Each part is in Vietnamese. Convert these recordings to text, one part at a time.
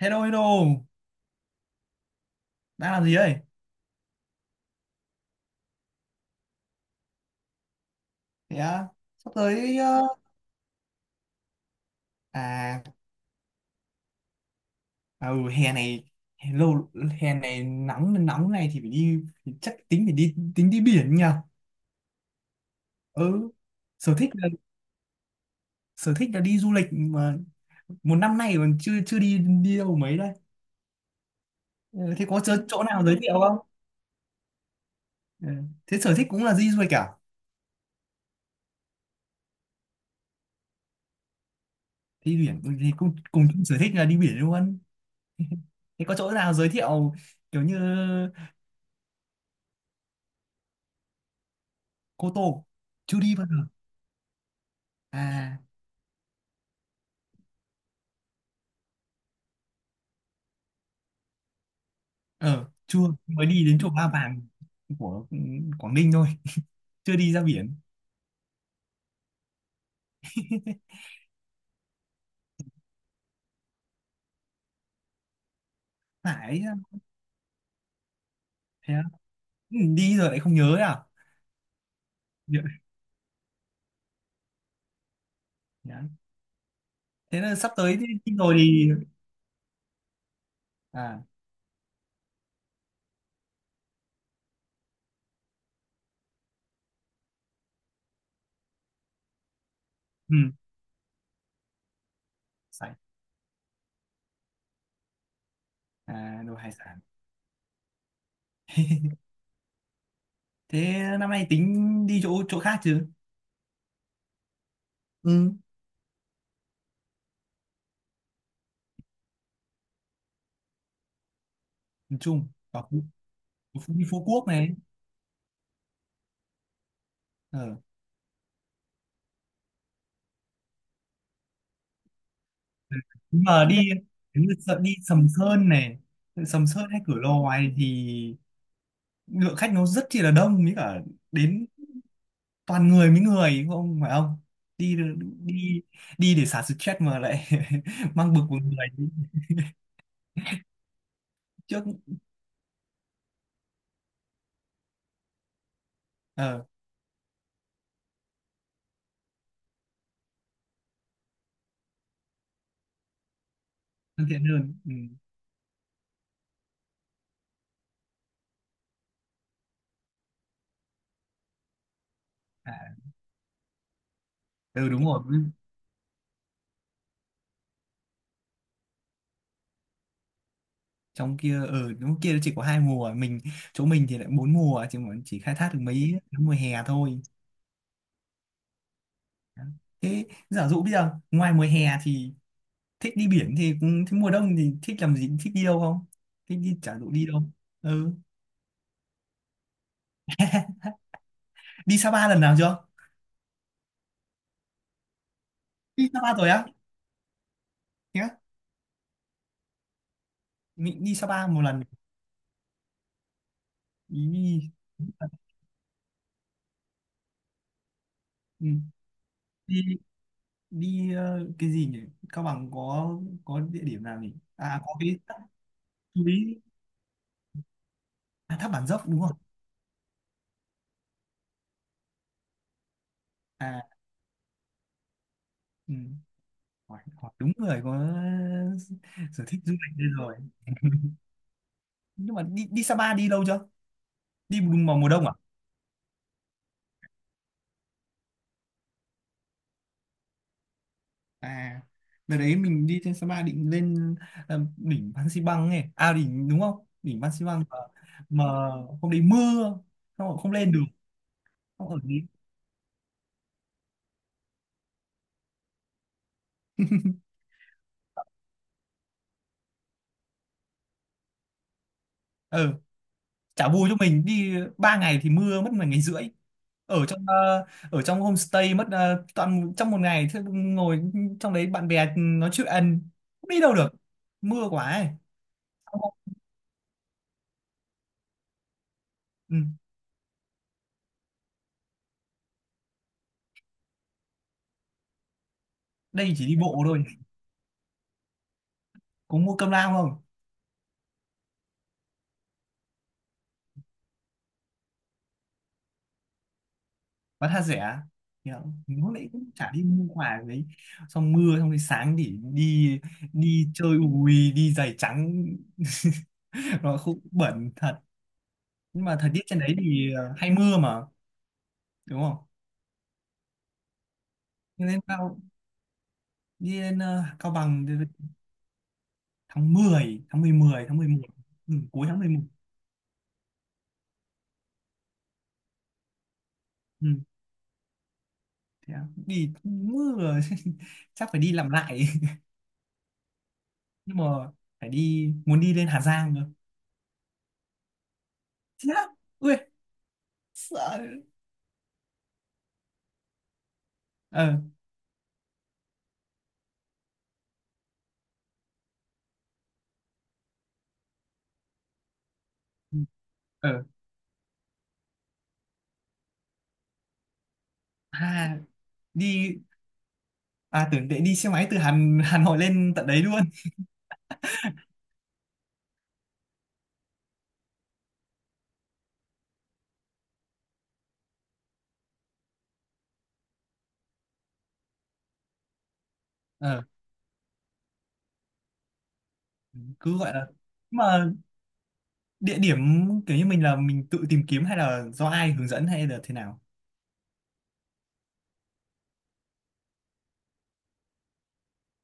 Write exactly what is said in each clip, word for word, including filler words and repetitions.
Hello, hello, đang làm gì đây? Thế á, sắp tới, ờ, à, à ừ, hè này hè lâu hè này nắng nóng này thì phải đi thì chắc tính phải đi tính đi biển nhỉ? Ừ, sở thích là sở thích là đi du lịch mà một năm nay còn chưa chưa đi đi đâu mấy đây. Ừ, thế có chỗ, chỗ nào giới thiệu không? Ừ. Thế sở thích cũng là đi du lịch cả. Đi biển ừ, thì cùng, cùng chung sở thích là đi biển luôn. Thế có chỗ nào giới thiệu kiểu như Cô Tô chưa đi bao giờ? À, ờ chưa, mới đi đến chỗ Ba Vàng của Quảng Ninh thôi, chưa đi ra biển. Phải. Thế á? Ừ, đi rồi lại không nhớ à? Dạ. Dạ. Thế là sắp tới thì đi rồi thì. À. Ừ, phải. À, đồ hải sản. Thế năm nay tính đi chỗ chỗ khác chứ? Ừ. Miền Trung, vào Phú, Phú- đi Phú Quốc này. Ờ. Ừ, nhưng mà đi nếu như sợ đi Sầm Sơn này, Sầm Sơn hay Cửa Lò này thì lượng khách nó rất chi là đông, với cả đến toàn người với người, không phải không? Đi đi đi để xả stress mà lại mang bực vào người trước. Ờ. Thân thiện hơn, ừ. À, ừ, đúng rồi. Trong kia ở đúng kia nó chỉ có hai mùa, mình chỗ mình thì lại bốn mùa, chỉ chỉ khai thác được mấy cái mùa hè thôi. Thế giả dụ bây giờ ngoài mùa hè thì thích đi biển thì cũng- thế mùa đông thì thích làm gì, thích đi đâu không? Thích đi giả dụ đi đâu? Ừ. Đi Sapa lần nào chưa? Đi Sapa rồi á? Nhá. Mình đi Sapa một lần. Ý. Ừ. Đi, đi ờ, cái gì nhỉ? Cao Bằng có có địa điểm nào nhỉ? À, có cái tháp núi. À, tháp Bản Dốc đúng không? À, ừ. Hỏi, hỏi đúng người có sở thích du lịch đây rồi. Nhưng mà đi, đi Sapa đi lâu chưa? Đi mùng- vào mùa đông à? À, đợt đấy mình đi trên Sapa định lên ờ, đỉnh Phan Xi ấy. À, đỉnh đúng không? Đỉnh Phan Xi mà, mà hôm đấy mưa xong rồi không lên được. Không ở gì. Chả vui, cho mình đi ba ngày thì mưa mất một ngày rưỡi, ở trong ờ, ở trong homestay mất ờ, toàn trong một ngày, thế ngồi trong đấy bạn bè nói chuyện không đi đâu được, mưa quá ấy. Xong rồi, ừ, đây chỉ đi bộ thôi, có mua cơm lao không, bán tha rẻ. Hiểu không? Lúc nãy cũng chả đi mua quà gì đấy, xong mưa xong rồi sáng thì đi, đi chơi ui đi giày trắng nó cũng bẩn thật, nhưng mà thời tiết trên đấy thì ờ, hay mưa mà, đúng không? Cho nên tao đi lên ờ, Cao Bằng từ tháng mười, tháng mười, mười tháng mười một, ừ, cuối tháng mười một. Ừ. Thế à? Đi mưa chắc phải đi làm lại. Nhưng mà phải đi, muốn đi lên Hà Giang cơ. Chết á. Ui, sợ. Ờ. Ừ. Ờ. À, đi. À, tưởng để đi xe máy từ Hà Hà Nội lên tận đấy luôn. Ờ, cứ gọi là nhưng mà địa điểm kiểu như mình là mình tự tìm kiếm hay là do ai hướng dẫn hay là thế nào?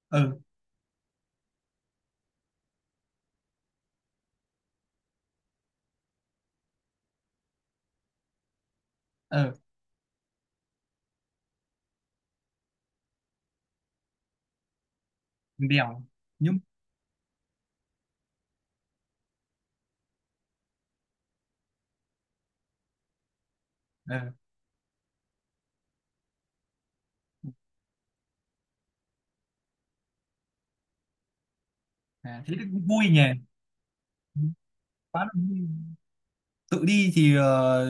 Ờ. Ờ, đèo. Nhưng. À, thế thì cũng vui nhỉ. Ừ, quá là vui. Tự đi thì ờ,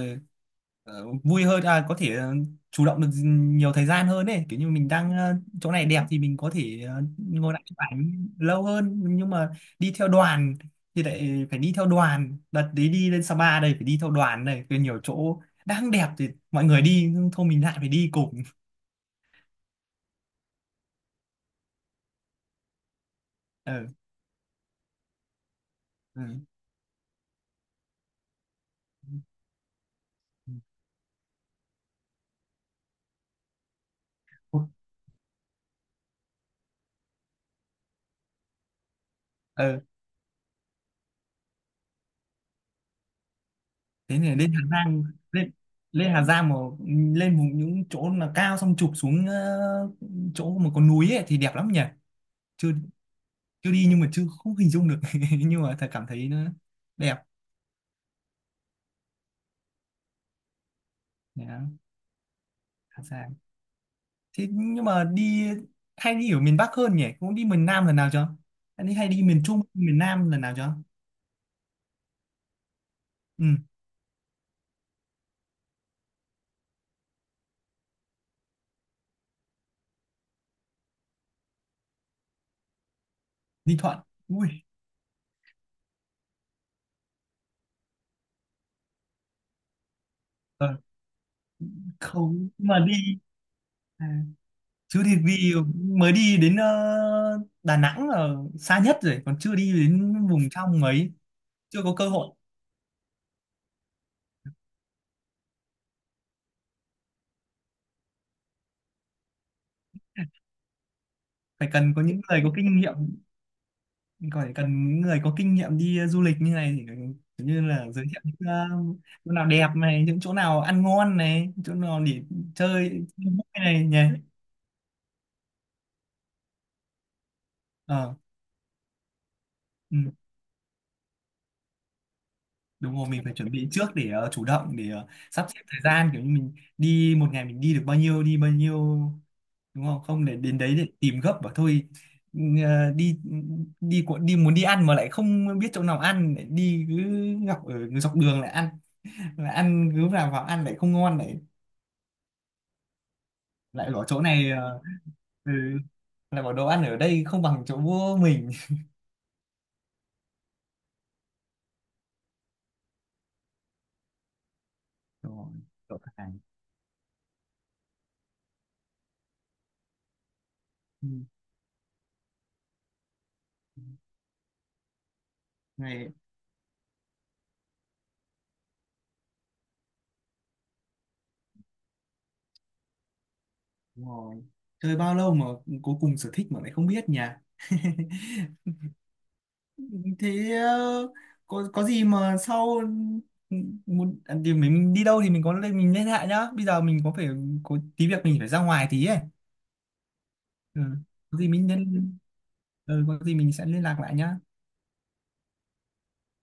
ờ, vui hơn, à có thể ờ, chủ động được nhiều thời gian hơn ấy, kiểu như mình đang ờ, chỗ này đẹp thì mình có thể ờ, ngồi lại chụp ảnh lâu hơn, nhưng mà đi theo đoàn thì lại phải đi theo đoàn, đợt đấy đi lên Sapa đây phải đi theo đoàn này. Rồi nhiều chỗ đang đẹp thì mọi người đi nhưng thôi mình lại phải đi cùng. Ừ. Ừ. Ừ. Thế này lên Hà Giang, lên lên Hà Giang mà, lên vùng những chỗ là cao xong chụp xuống ờ, chỗ mà có núi ấy, thì đẹp lắm nhỉ? Chưa, chưa đi nhưng mà chưa không hình dung được nhưng mà thật cảm thấy nó đẹp. Đấy, Hà Giang. Thế nhưng mà đi, hay đi ở miền Bắc hơn nhỉ, cũng đi miền Nam lần nào chưa? Hay đi hay đi miền Trung miền Nam lần nào chưa? Ừ. Ninh Thuận, ui. ờ, không nhưng mà đi à, chứ thì vì mới đi đến ờ, Đà Nẵng là xa nhất rồi, còn chưa đi đến vùng trong ấy. Chưa có cơ hội. Phải cần có những người có kinh nghiệm, còn phải cần những người có kinh nghiệm đi ờ, du lịch như này thì kiểu như là giới thiệu những ờ, chỗ nào đẹp này, những chỗ nào ăn ngon này, chỗ nào để chơi vui này nhỉ. Ờ. Ừ. Đúng rồi, mình phải chuẩn bị trước để ờ, chủ động, để ờ, sắp xếp thời gian kiểu như mình đi một ngày mình đi được bao nhiêu đi bao nhiêu, đúng không? Không để đến đấy để tìm gấp bảo thôi. Ừ, ờ, đi, đi cu- đi muốn đi ăn mà lại không biết chỗ nào ăn lại đi cứ gặp ở dọc đường lại ăn, lại ăn cứ vào vào ăn lại không ngon, lại lại bảo chỗ này ờ, ừ, lại bảo đồ ăn ở đây không bằng chỗ của mình. Đúng rồi, chỗ hàng. Ừ. Này, đúng rồi. Chơi bao lâu mà cuối cùng sở thích mà lại không biết nhỉ. Thế ờ, có có gì mà sau, ừ, muốn à, thì mình đi đâu thì mình có lên mình liên hệ nhá, bây giờ mình có phải có tí việc mình phải ra ngoài tí ấy. Ừ. Có gì mình nhân, ừ, có gì mình sẽ liên lạc lại nhá